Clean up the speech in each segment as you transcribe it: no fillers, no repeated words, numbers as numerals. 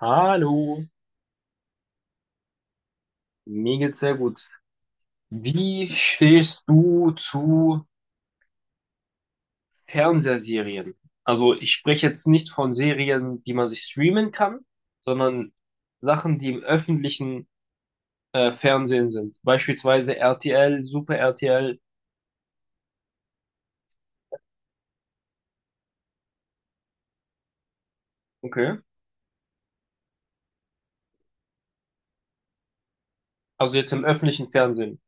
Hallo, mir geht's sehr gut. Wie stehst du zu Fernsehserien? Also ich spreche jetzt nicht von Serien, die man sich streamen kann, sondern Sachen, die im öffentlichen Fernsehen sind. Beispielsweise RTL, Super RTL. Okay. Also jetzt im öffentlichen Fernsehen.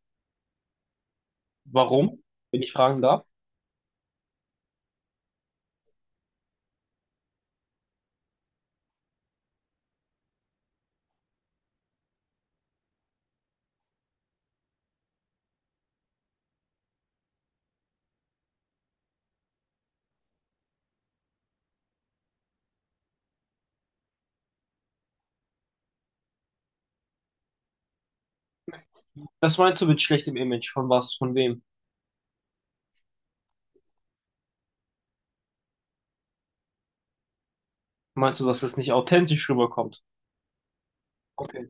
Warum, wenn ich fragen darf? Was meinst du mit schlechtem Image? Von was? Von wem? Meinst du, dass es nicht authentisch rüberkommt? Okay.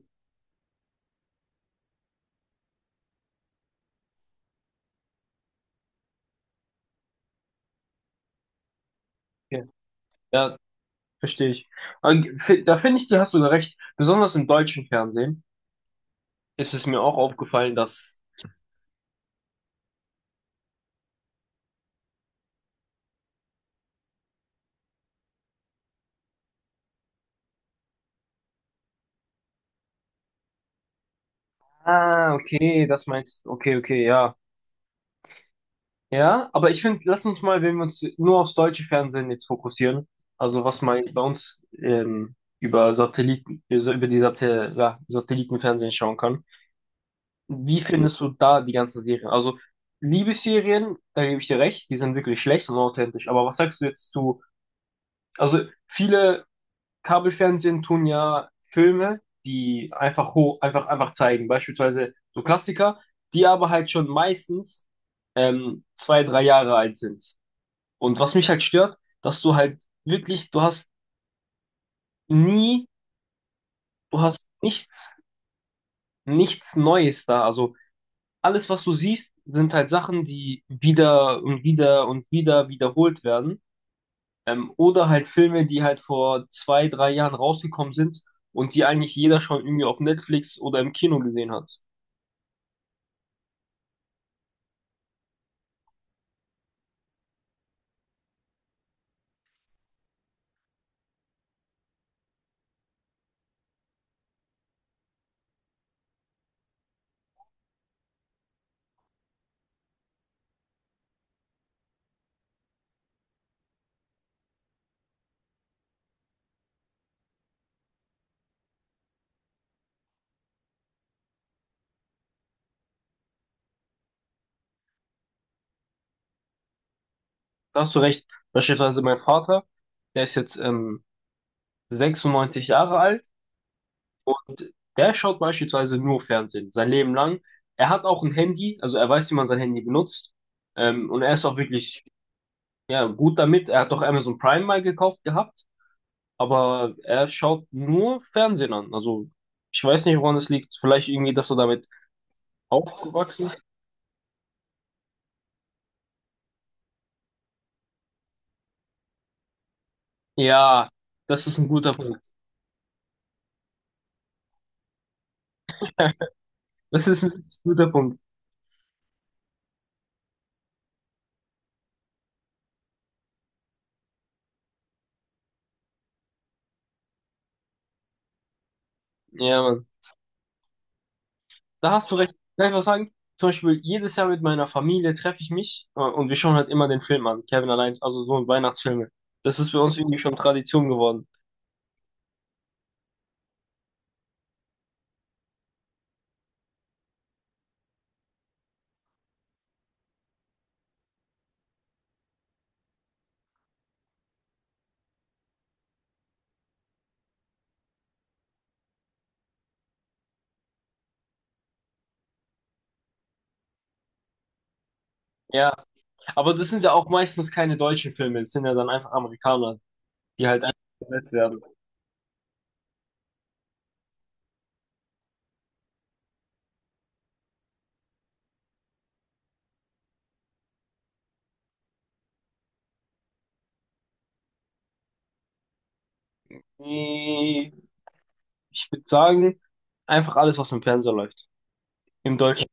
Okay. Ja, verstehe ich. Aber da finde ich, dir hast du recht. Besonders im deutschen Fernsehen ist es mir auch aufgefallen, dass. Ah, okay, das meinst du. Okay, okay, ja. Ja, aber ich finde, lass uns mal, wenn wir uns nur aufs deutsche Fernsehen jetzt fokussieren, also was mal bei uns über Satelliten, also über die Satel ja, Satellitenfernsehen schauen kann. Wie findest du da die ganzen Serien? Also Liebesserien, da gebe ich dir recht, die sind wirklich schlecht und authentisch. Aber was sagst du jetzt zu? Also viele Kabelfernsehen tun ja Filme, die einfach hoch, einfach zeigen. Beispielsweise so Klassiker, die aber halt schon meistens zwei, drei Jahre alt sind. Und was mich halt stört, dass du halt wirklich, du hast nie, du hast nichts, Neues da. Also alles, was du siehst, sind halt Sachen, die wieder und wieder und wieder wiederholt werden. Oder halt Filme, die halt vor zwei, drei Jahren rausgekommen sind und die eigentlich jeder schon irgendwie auf Netflix oder im Kino gesehen hat. Da hast du recht. Beispielsweise mein Vater, der ist jetzt 96 Jahre alt und der schaut beispielsweise nur Fernsehen, sein Leben lang. Er hat auch ein Handy, also er weiß, wie man sein Handy benutzt. Und er ist auch wirklich ja, gut damit. Er hat doch Amazon Prime mal gekauft gehabt, aber er schaut nur Fernsehen an. Also ich weiß nicht, woran es liegt. Vielleicht irgendwie, dass er damit aufgewachsen ist? Ja, das ist ein guter Punkt. Das ist ein richtig guter Punkt. Ja, Mann. Da hast du recht. Kann ich was sagen? Zum Beispiel, jedes Jahr mit meiner Familie treffe ich mich und wir schauen halt immer den Film an. Kevin allein, also so ein Weihnachtsfilme. Das ist bei uns irgendwie schon Tradition geworden. Ja, aber das sind ja auch meistens keine deutschen Filme. Das sind ja dann einfach Amerikaner, die halt einfach besetzt werden. Nee, ich würde sagen, einfach alles, was im Fernseher läuft. Im deutschen.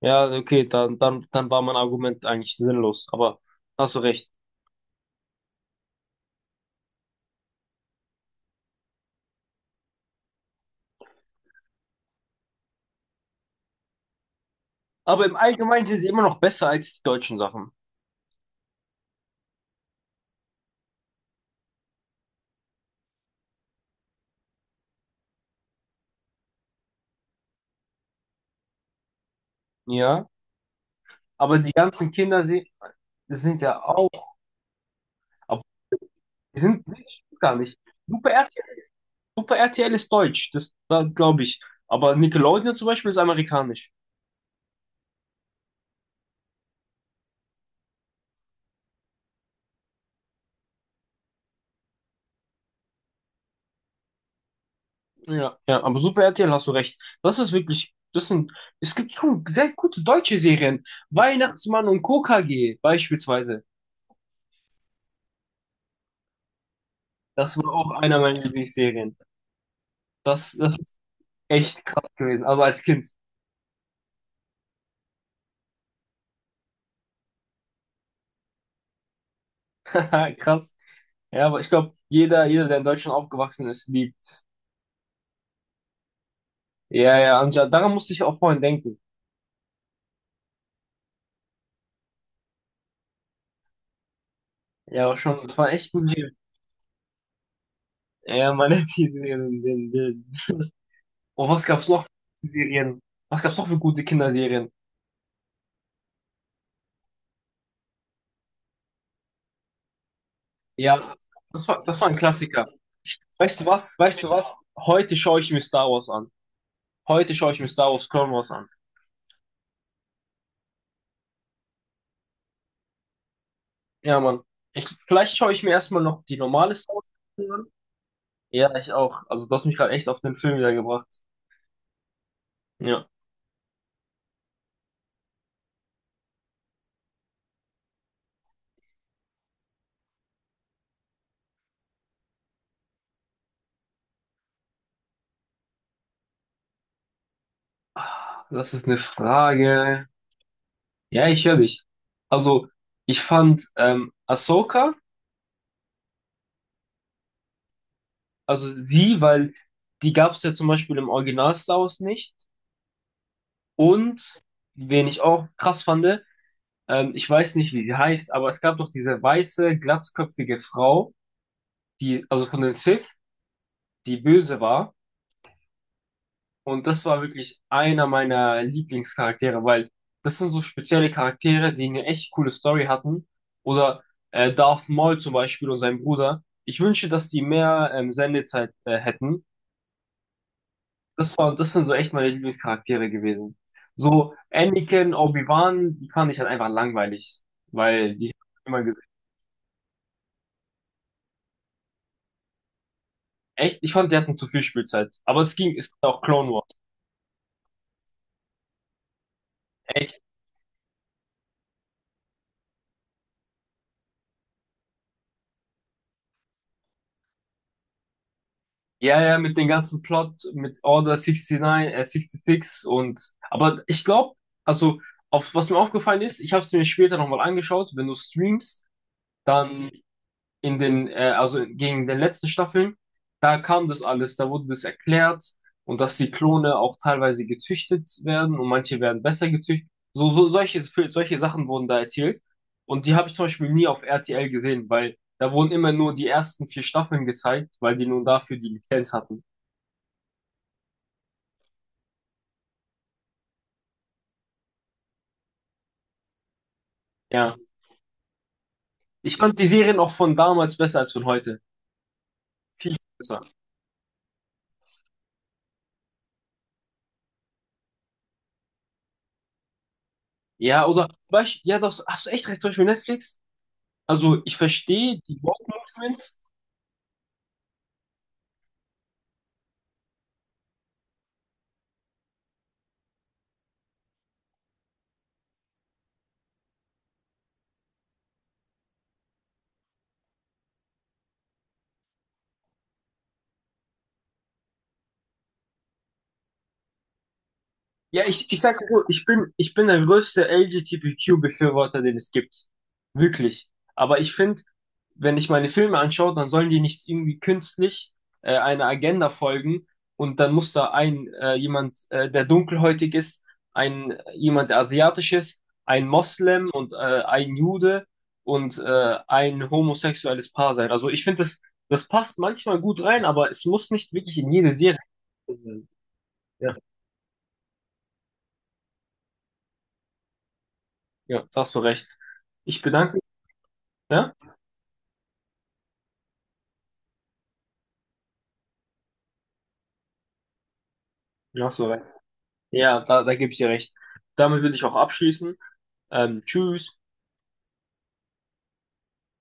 Ja, okay, dann war mein Argument eigentlich sinnlos, aber hast du recht. Aber im Allgemeinen sind sie immer noch besser als die deutschen Sachen. Ja, aber die ganzen Kinder sie, das sind ja auch, aber die sind nicht, gar nicht. Super RTL, Super RTL ist deutsch, das, da glaube ich. Aber Nickelodeon zum Beispiel ist amerikanisch. Ja, ja, aber Super RTL hast du recht. Das ist wirklich, das sind, es gibt schon sehr gute deutsche Serien. Weihnachtsmann und KKG beispielsweise. Das war auch einer meiner Lieblingsserien. Das ist echt krass gewesen. Also als Kind. Krass. Ja, aber ich glaube, jeder, der in Deutschland aufgewachsen ist, liebt. Ja, ja, Anja, daran musste ich auch vorhin denken. Ja, aber schon, das war echt gute Serie. Ja, meine, die. Und was gab's noch für Serien? Was gab's noch für gute Kinderserien? Ja, das war ein Klassiker. Weißt du was? Weißt du was? Heute schaue ich mir Star Wars an. Heute schaue ich mir Star Wars Clone Wars an. Ja, Mann. Vielleicht schaue ich mir erstmal noch die normale Star Wars an. Ja, ich auch. Also du hast mich gerade echt auf den Film wiedergebracht. Ja, das ist eine Frage. Ja, ich höre dich. Also ich fand Ahsoka, also sie weil die gab es ja zum Beispiel im Original Star Wars nicht. Und wen ich auch krass fand, ich weiß nicht, wie sie heißt, aber es gab doch diese weiße, glatzköpfige Frau, die, also von den Sith, die böse war. Und das war wirklich einer meiner Lieblingscharaktere, weil das sind so spezielle Charaktere, die eine echt coole Story hatten. Oder Darth Maul zum Beispiel und sein Bruder. Ich wünsche, dass die mehr Sendezeit hätten. Das war, das sind so echt meine Lieblingscharaktere gewesen. So Anakin, Obi-Wan, die fand ich halt einfach langweilig, weil die hab ich immer gesehen. Echt, ich fand, die hatten zu viel Spielzeit. Aber es ging auch Clone Wars. Echt. Ja, ja, mit dem ganzen Plot, mit Order 69, 66 und, aber ich glaube, also, auf, was mir aufgefallen ist, ich habe es mir später nochmal angeschaut, wenn du streamst, dann in den, also gegen den letzten Staffeln, da kam das alles, da wurde das erklärt und dass die Klone auch teilweise gezüchtet werden und manche werden besser gezüchtet. So solche Sachen wurden da erzählt und die habe ich zum Beispiel nie auf RTL gesehen, weil da wurden immer nur die ersten vier Staffeln gezeigt, weil die nun dafür die Lizenz hatten. Ja. Ich fand die Serien auch von damals besser als von heute. Viel besser. Ja, oder, weißt, ja, das hast du echt recht, zum Beispiel Netflix. Also, ich verstehe die Woke Movement. Ja, ich sag dir so, ich bin der größte LGBTQ-Befürworter, den es gibt. Wirklich. Aber ich finde, wenn ich meine Filme anschaue, dann sollen die nicht irgendwie künstlich einer Agenda folgen und dann muss da ein jemand, der dunkelhäutig ist, ein jemand, der asiatisch ist, ein Moslem und ein Jude und ein homosexuelles Paar sein. Also ich finde, das passt manchmal gut rein, aber es muss nicht wirklich in jede Serie sein. Ja, ja, da hast du recht. Ich bedanke. Ja? Hast du recht. Ja, da gebe ich dir recht. Damit würde ich auch abschließen. Tschüss.